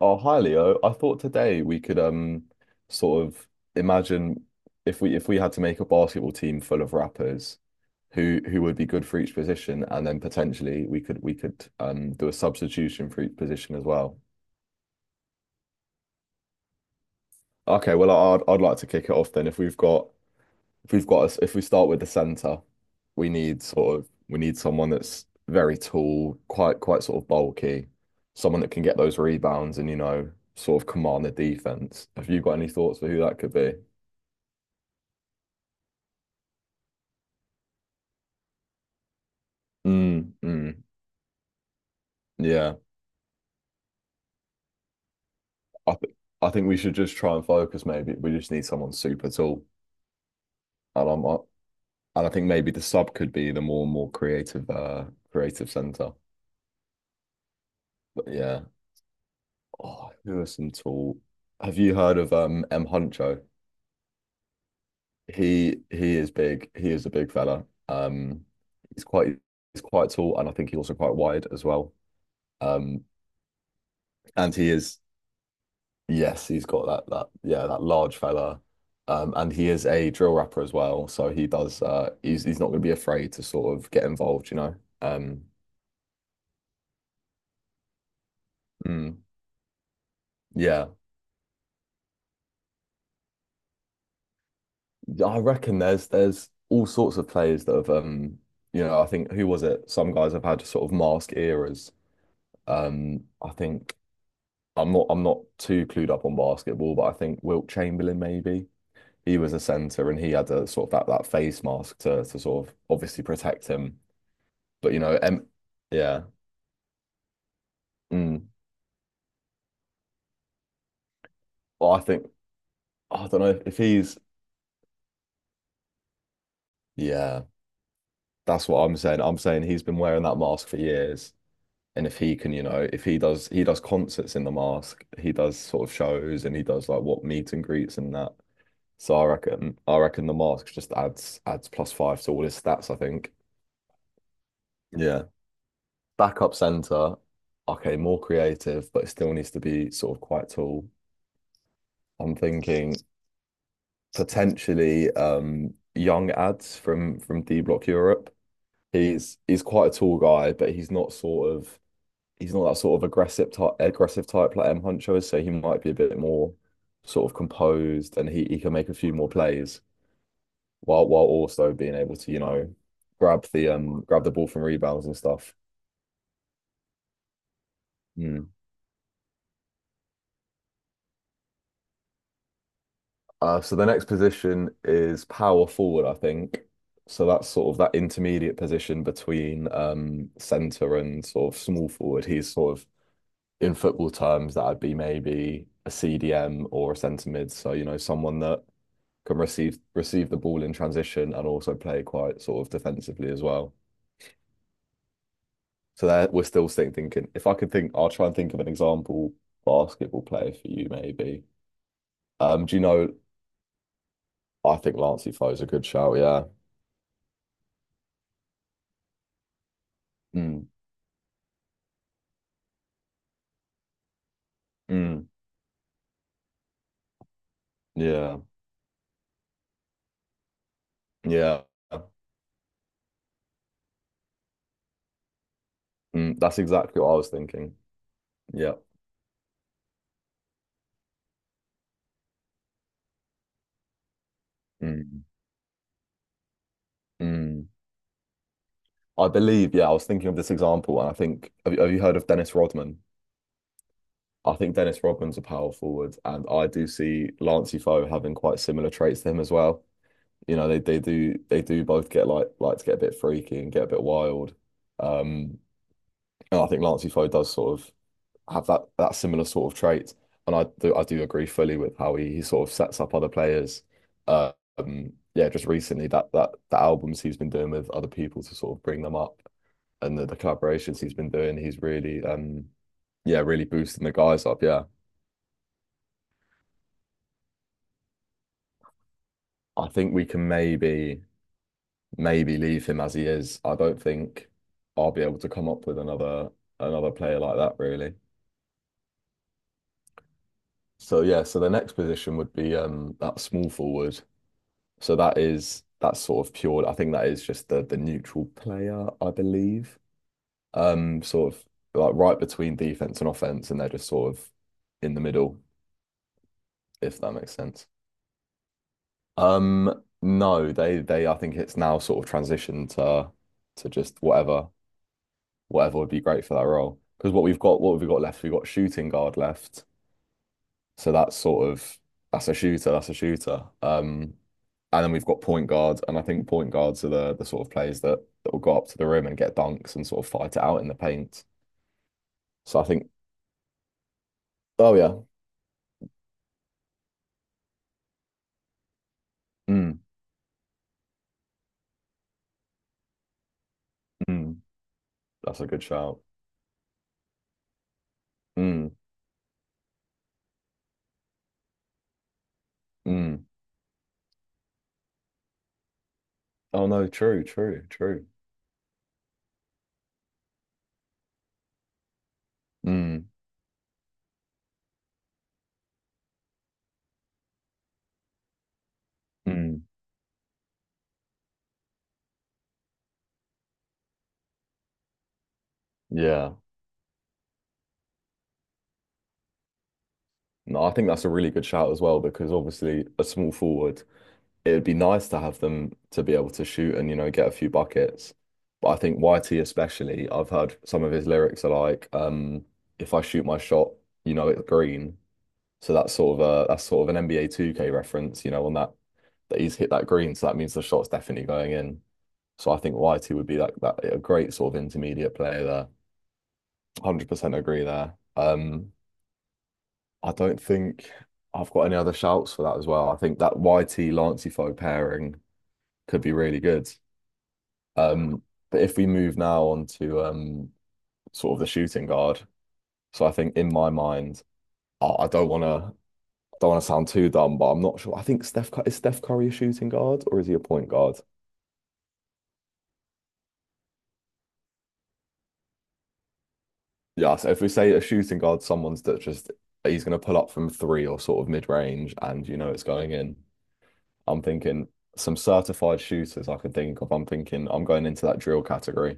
Oh, hi Leo. I thought today we could sort of imagine if we had to make a basketball team full of rappers who would be good for each position, and then potentially we could do a substitution for each position as well. Okay, well I'd like to kick it off then if we've got, if we start with the center, we need someone that's very tall, quite sort of bulky, someone that can get those rebounds and, you know, sort of command the defense. Have you got any thoughts for who that could be? Mm, mm, yeah. I th I think we should just try and focus. Maybe we just need someone super tall, and I'm I, and I think maybe the sub could be the more creative creative center. But yeah, oh, who are some tall? Have you heard of M Huncho? He is big. He is a big fella. He's quite he's quite tall, and I think he's also quite wide as well. Um, and he is yes, he's got that yeah, that large fella. And he is a drill rapper as well, so he does. He's not going to be afraid to sort of get involved, you know. Um, mm, yeah, I reckon there's all sorts of players that have, you know, I think, who was it? Some guys have had sort of mask eras. I think. I'm not too clued up on basketball, but I think Wilt Chamberlain maybe. He was a center and he had a sort of that, that face mask to sort of obviously protect him. But you know, yeah. Mm. Well, I think I don't know if he's yeah, that's what I'm saying. I'm saying he's been wearing that mask for years. And if he can, you know, if he does, he does concerts in the mask, he does sort of shows, and he does like, what, meet and greets and that. So I reckon the mask just adds plus five to all his stats, I think. Yeah. Backup center, okay, more creative, but it still needs to be sort of quite tall. I'm thinking potentially young ads from D Block Europe. He's quite a tall guy, but he's not sort of, he's not that sort of aggressive type like M Huncho is, so he might be a bit more sort of composed, and he can make a few more plays while also being able to, you know, grab the ball from rebounds and stuff. Hmm. So the next position is power forward, I think. So that's sort of that intermediate position between, centre and sort of small forward. He's sort of, in football terms, that'd be maybe a CDM or a centre mid. So, you know, someone that can receive the ball in transition and also play quite sort of defensively as well. So there we're still thinking. If I could think, I'll try and think of an example basketball player for you maybe. Do you know? I think Lancey Foe's a good shout. Yeah. Mm. Mm. Yeah, yeah. Mm, that's exactly what I was thinking. Yeah. Mm, mm. I believe, yeah, I was thinking of this example, and I think, have you heard of Dennis Rodman? I think Dennis Rodman's a power forward, and I do see Lancey Foe having quite similar traits to him as well. You know, they do both get like to get a bit freaky and get a bit wild. Um, and I think Lancey Foe does sort of have that similar sort of trait. And I do agree fully with how he sort of sets up other players. Uh, yeah, just recently, that the albums he's been doing with other people to sort of bring them up and the collaborations he's been doing, he's really, um, yeah, really boosting the guys up. Yeah. I think we can maybe leave him as he is. I don't think I'll be able to come up with another player like that really. So yeah, so the next position would be, um, that small forward. So that is, that's sort of pure. I think that is just the neutral player, I believe. Sort of like right between defense and offense, and they're just sort of in the middle, if that makes sense. No, they, I think it's now sort of transitioned to just whatever would be great for that role. Because what we've got, left, we've got shooting guard left. So that's sort of, that's a shooter. And then we've got point guards, and I think point guards are the sort of players that will go up to the rim and get dunks and sort of fight it out in the paint. So I think, oh yeah, mm, mm, that's a good shout. Mm, mm. Oh no, true, true, true. Mm, mm, yeah. No, I think that's a really good shout as well, because obviously a small forward, it would be nice to have them to be able to shoot and, you know, get a few buckets. But I think YT especially, I've heard some of his lyrics are like, if I shoot my shot, you know it's green. So that's sort of a, that's sort of an NBA 2K reference, you know, on that, that he's hit that green. So that means the shot's definitely going in. So I think YT would be like that, a great sort of intermediate player there. 100% agree there. I don't think I've got any other shouts for that as well. I think that YT Lancey Fo pairing could be really good. Um, but if we move now on to, sort of the shooting guard, so I think in my mind, I don't want to sound too dumb, but I'm not sure. I think Steph Cur-, is Steph Curry a shooting guard or is he a point guard? Yeah, so if we say a shooting guard, someone's that just, he's going to pull up from three or sort of mid range, and you know it's going in. I'm thinking some certified shooters I could think of. I'm thinking I'm going into that drill category.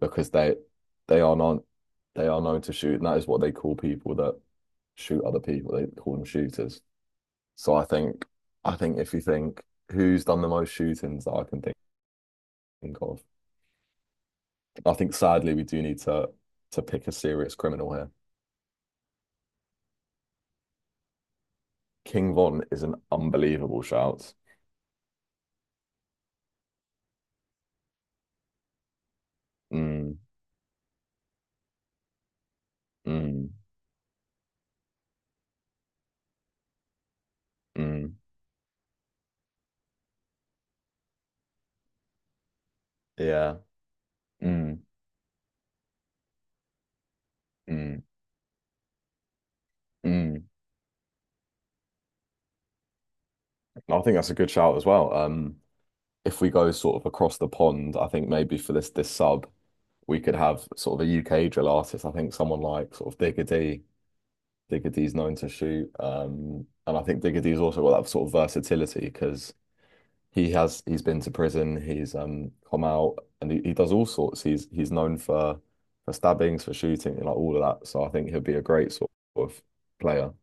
Because they are not, they are known to shoot, and that is what they call people that shoot other people. They call them shooters. So I think, if you think who's done the most shootings that I can think of, I think sadly we do need to pick a serious criminal here. King Von is an unbelievable shout. Mm, mm, mm, yeah. Mm, mm, mm. I think that's a good shout as well. If we go sort of across the pond, I think maybe for this sub, we could have sort of a UK drill artist. I think someone like sort of Diggity. Diggity's known to shoot, and I think Diggity's also got that sort of versatility because he's been to prison, he's, um, come out, and he does all sorts. He's known for stabbings, for shooting, like all of that. So I think he'll be a great sort of player.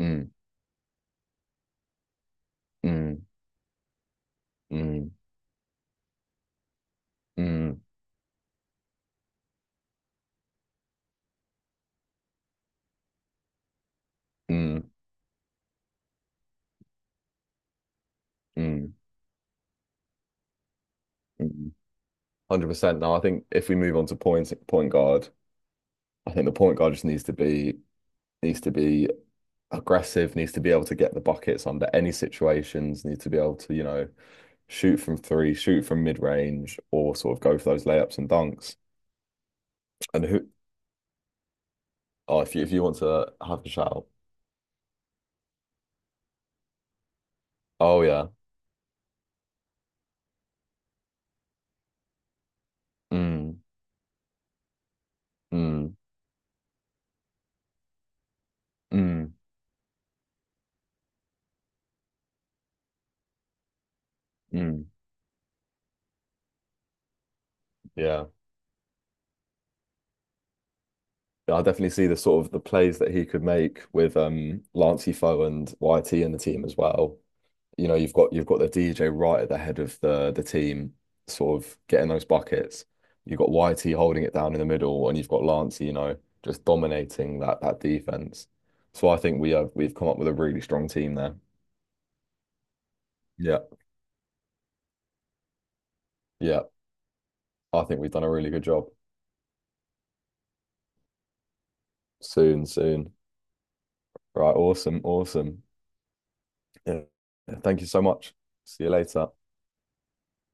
Mm, mm, mm, mm, mm, mm, mm. 100%. Now I think if we move on to point guard, I think the point guard just needs to be aggressive, needs to be able to get the buckets under any situations, needs to be able to, you know, shoot from three, shoot from mid-range, or sort of go for those layups and dunks. And who, oh, if you want to have a shout, oh yeah, mm, mm, mm, mm, yeah. Yeah, I definitely see the sort of the plays that he could make with, um, Lancey Foe and YT in the team as well. You know, you've got the DJ right at the head of the team, sort of getting those buckets. You've got YT holding it down in the middle, and you've got Lancey, you know, just dominating that defense. So I think we've come up with a really strong team there. Yeah, yeah. I think we've done a really good job. Soon, soon. Right, awesome, awesome. Yeah. Thank you so much. See you later.